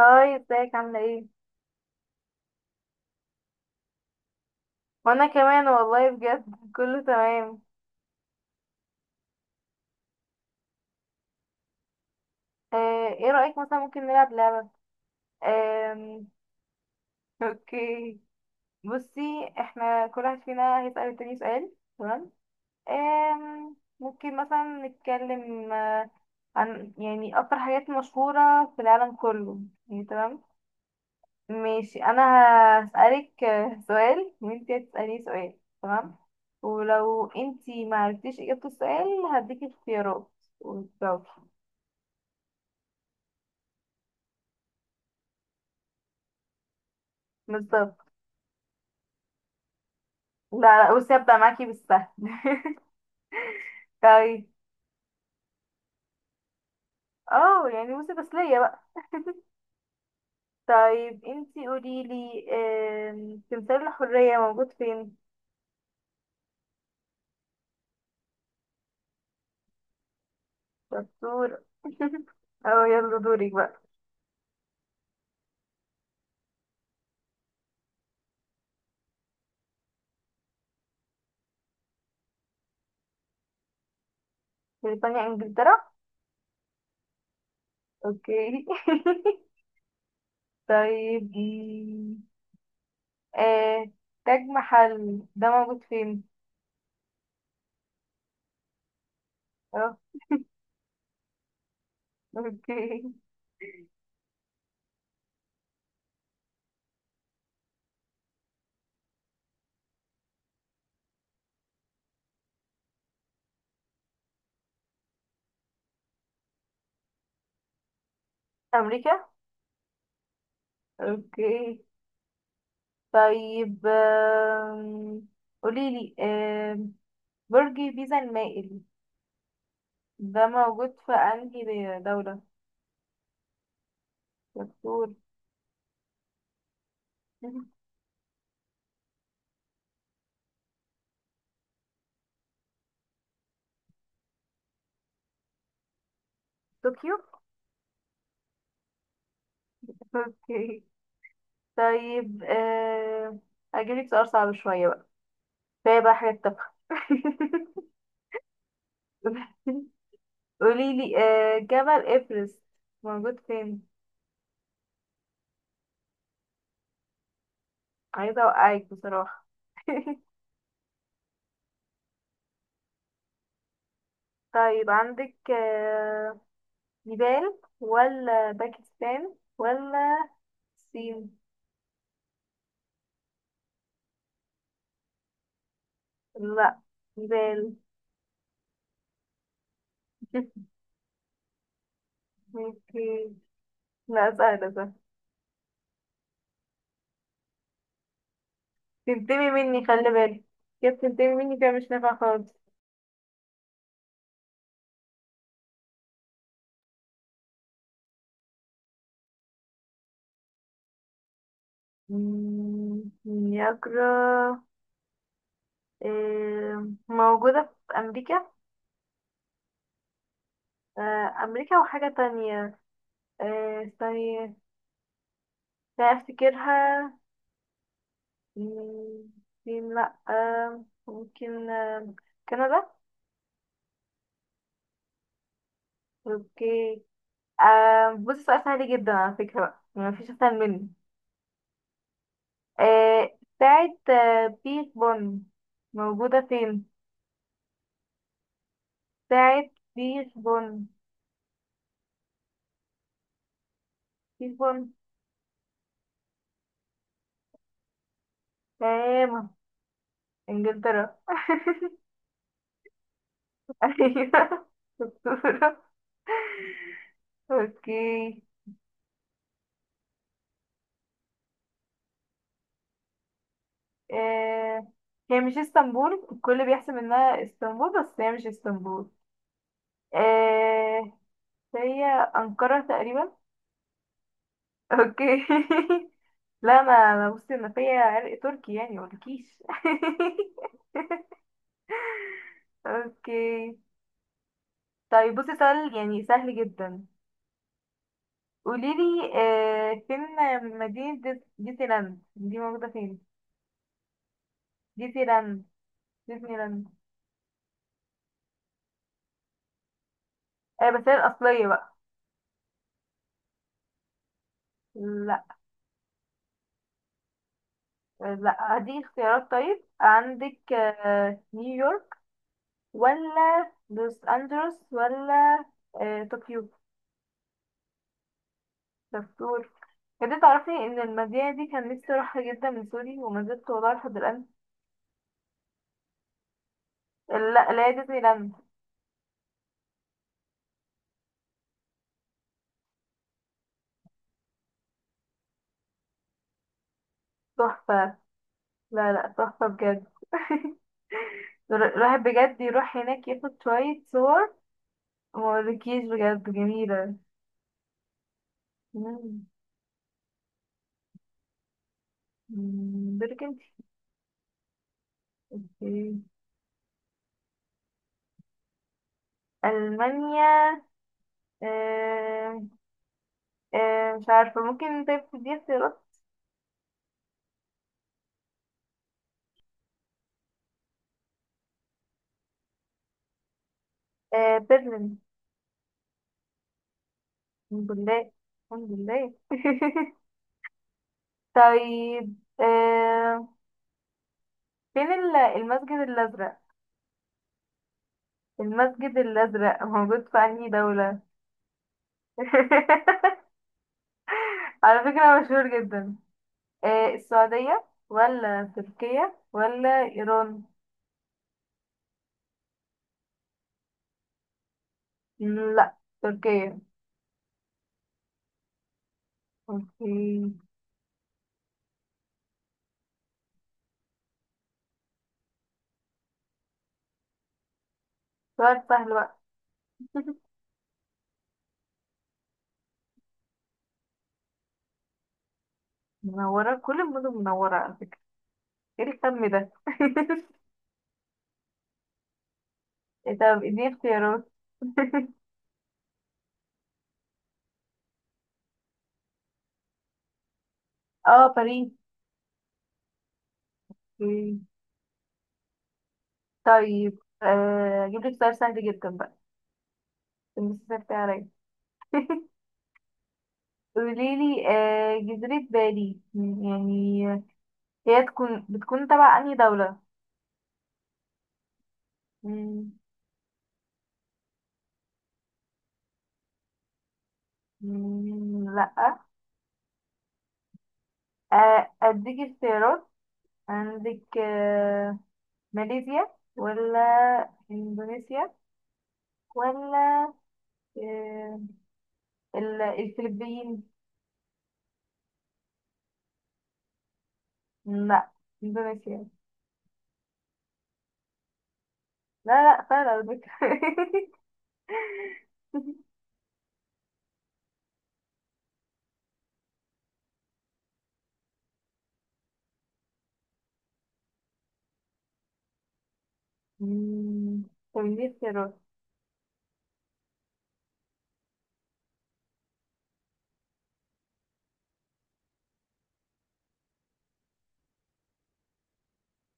هاي ازيك عاملة ايه؟ وانا كمان والله بجد كله تمام. ايه رأيك مثلا ممكن نلعب لعبة؟ آم، اوكي بصي، احنا كل واحد فينا هيسأل التاني سؤال، تمام؟ ممكن مثلا نتكلم عن يعني اكتر حاجات مشهورة في العالم كله، يعني تمام؟ ماشي، انا هسألك سؤال وانتي هتسأليني سؤال، تمام. ولو انتي ما عرفتيش اجابة السؤال هديكي اختيارات وتجاوبي. بالظبط. لا لا، بصي هبدأ معاكي بالسهل. طيب. اه يعني بصي تسلية بقى. طيب، انتي قوليلي، تمثال الحرية موجود فين؟ دكتور. اه يلا دورك بقى. بريطانيا انجلترا. اوكي. طيب، آه، تاج محل ده موجود فين؟ اه اوكي. أمريكا؟ اوكي. طيب، قوليلي، برج بيزا المائل ده موجود في أنهي دولة؟ دكتور. طوكيو؟ اوكي. طيب، هجيبلك سؤال صعب شوية بقى، فيها بقى حاجة تافهة. قوليلي، جبل إيفرست موجود فين؟ عايزة أوقعك بصراحة. طيب، عندك نيبال ولا باكستان ولا الصين. لا، نيبال. اوكي. لا، سهلة سهلة. تنتمي مني خلي بالك، كيف تنتمي مني كده مش نافع خالص. إني أقرأ، موجودة في أمريكا. أمريكا وحاجة تانية. استني، لا أفتكرها. مم، الصين لأ، ممكن، كندا. اوكي. بصي سؤال سهل جدا على فكرة بقى، ما فيش اسهل منه. بتاعة بيش بن موجودة فين؟ بتاعة بيش بن، بيش بن. تمام، انجلترا. ايوه شطورة. اوكي. آه هي مش اسطنبول، الكل بيحسب انها اسطنبول بس هي مش اسطنبول. آه هي أنقرة تقريبا. اوكي. لا انا بصي، انا فيا عرق تركي يعني مقولكيش. اوكي. طيب بصي سؤال يعني سهل جدا. قوليلي، فين مدينة ديزني لاند دي موجودة فين؟ ديزني لاند. ديزني لاند. بس هي الأصلية بقى. لا. لا، هديك اختيارات. طيب عندك نيويورك ولا لوس أنجلوس ولا طوكيو. شطورة. بجد تعرفي ان المدينة دي كان نفسي اروحها جدا من سوري، وما زلت والله لحد الان. لا لا، هي ديزني لاند. تحفة. لا لا، تحفة بجد. الواحد بجد يروح هناك ياخد شوية صور. موريكيش بجد جميلة. مم. بالك انت. إيه. ألمانيا. آه، مش عارفة، ممكن طيب تديني اختيارات. برلين. الحمد لله الحمد لله. طيب، فين المسجد الأزرق. المسجد الأزرق موجود في أنهي دولة؟ على فكرة مشهور جدا. السعودية ولا تركيا ولا إيران؟ لا، تركيا. اوكي. سؤال سهل بقى. منورة، كل المدن منورة على فكرة، ايه الكم ده؟ طب اديني اختيارات. اه باريس. اوكي. طيب اجيب لك سؤال سهل جدا بقى، عشان بس سهلت عليا. قوليلي جزيرة بالي، يعني هي بتكون تبع أنهي دولة؟ مم. مم. لأ. أديك اختيارات. عندك ماليزيا، ولا إندونيسيا، ولا آه، الفلبين. لأ، إندونيسيا. لا لا، سهلة على فكرة. مم. طب دي اختيارات.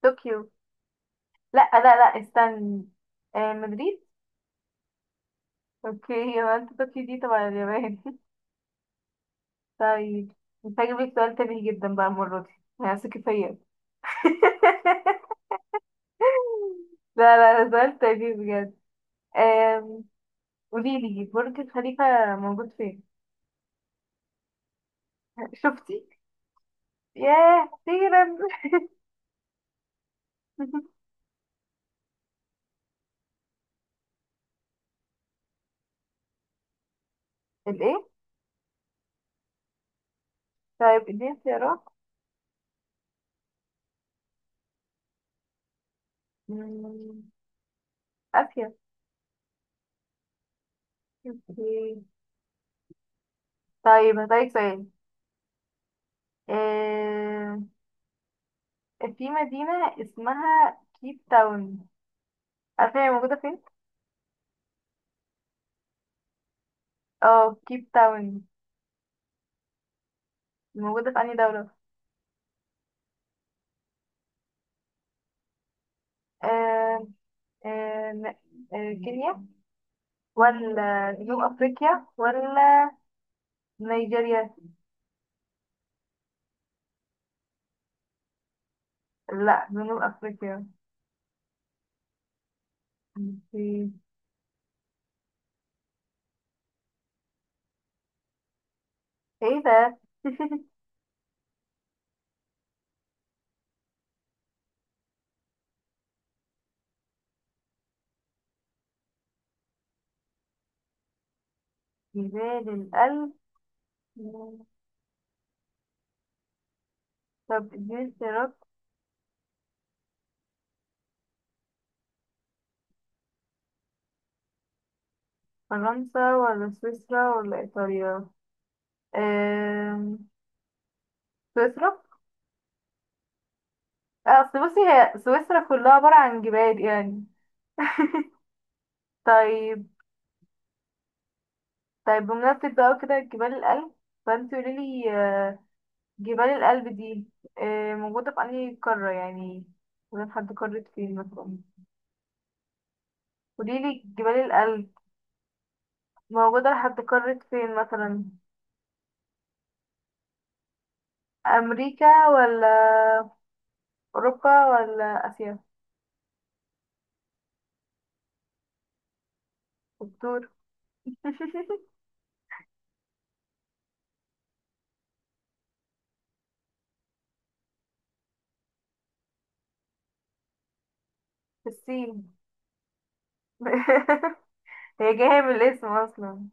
طوكيو. لأ لأ لأ، استني. مدريد. اوكي. يبقى انت طوكيو دي تبع اليابان. طيب، انت هجيب لك سؤال تافه جدا بقى، المرة دي هثقي فيا. لا لا، ده سؤال تافه بجد. آم، قولي لي، برج الخليفة موجود فين؟ شفتي؟ ياه أخيرا. الإيه؟ طيب اديني اختيارات. مم، آسيا. اوكي. طيب هسألك سؤال. آم، في مدينة اسمها كيب تاون، عارفة هي موجودة فين؟ اه كيب تاون موجودة في أنهي دولة؟ آم، آه، كينيا، ولا جنوب أفريقيا، ولا نيجيريا. لا، جنوب أفريقيا. أوكي. ايه ده. جبال الألب. طب اديني اختيارات. فرنسا ولا سويسرا ولا إيطاليا. آم، سويسرا. أصل بصي هي سويسرا كلها عبارة عن جبال يعني. طيب. طيب بمناسبة بقى كده جبال الألب، فانت قوليلي جبال الألب دي موجودة في أنهي قارة يعني، موجودة لحد قارة فين مثلا؟ قوليلي جبال الألب موجودة لحد قارة فين مثلا؟ أمريكا ولا أوروبا ولا آسيا. دكتور. في الصين. هي جاية من الاسم أصلا.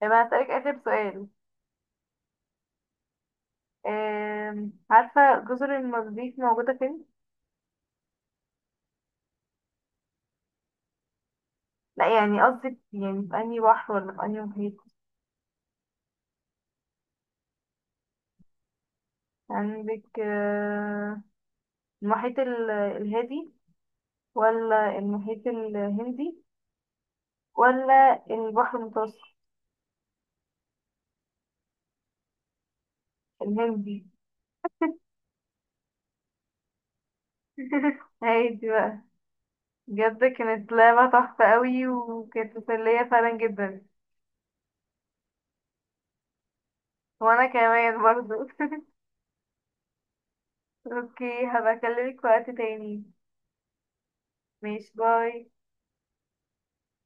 طب أنا هسألك آخر سؤال. عارفة جزر المالديف موجودة فين؟ لا، يعني قصدي يعني في أنهي بحر ولا في أنهي محيط؟ عندك المحيط الهادي، ولا المحيط الهندي، ولا البحر المتوسط. الهندي. هايدي بقى. بجد كانت لعبة تحفة قوي، وكانت مسلية فعلا جدا. وانا كمان برضو. اوكي، هبقى اكلمك في وقت تاني. ماشي. باي.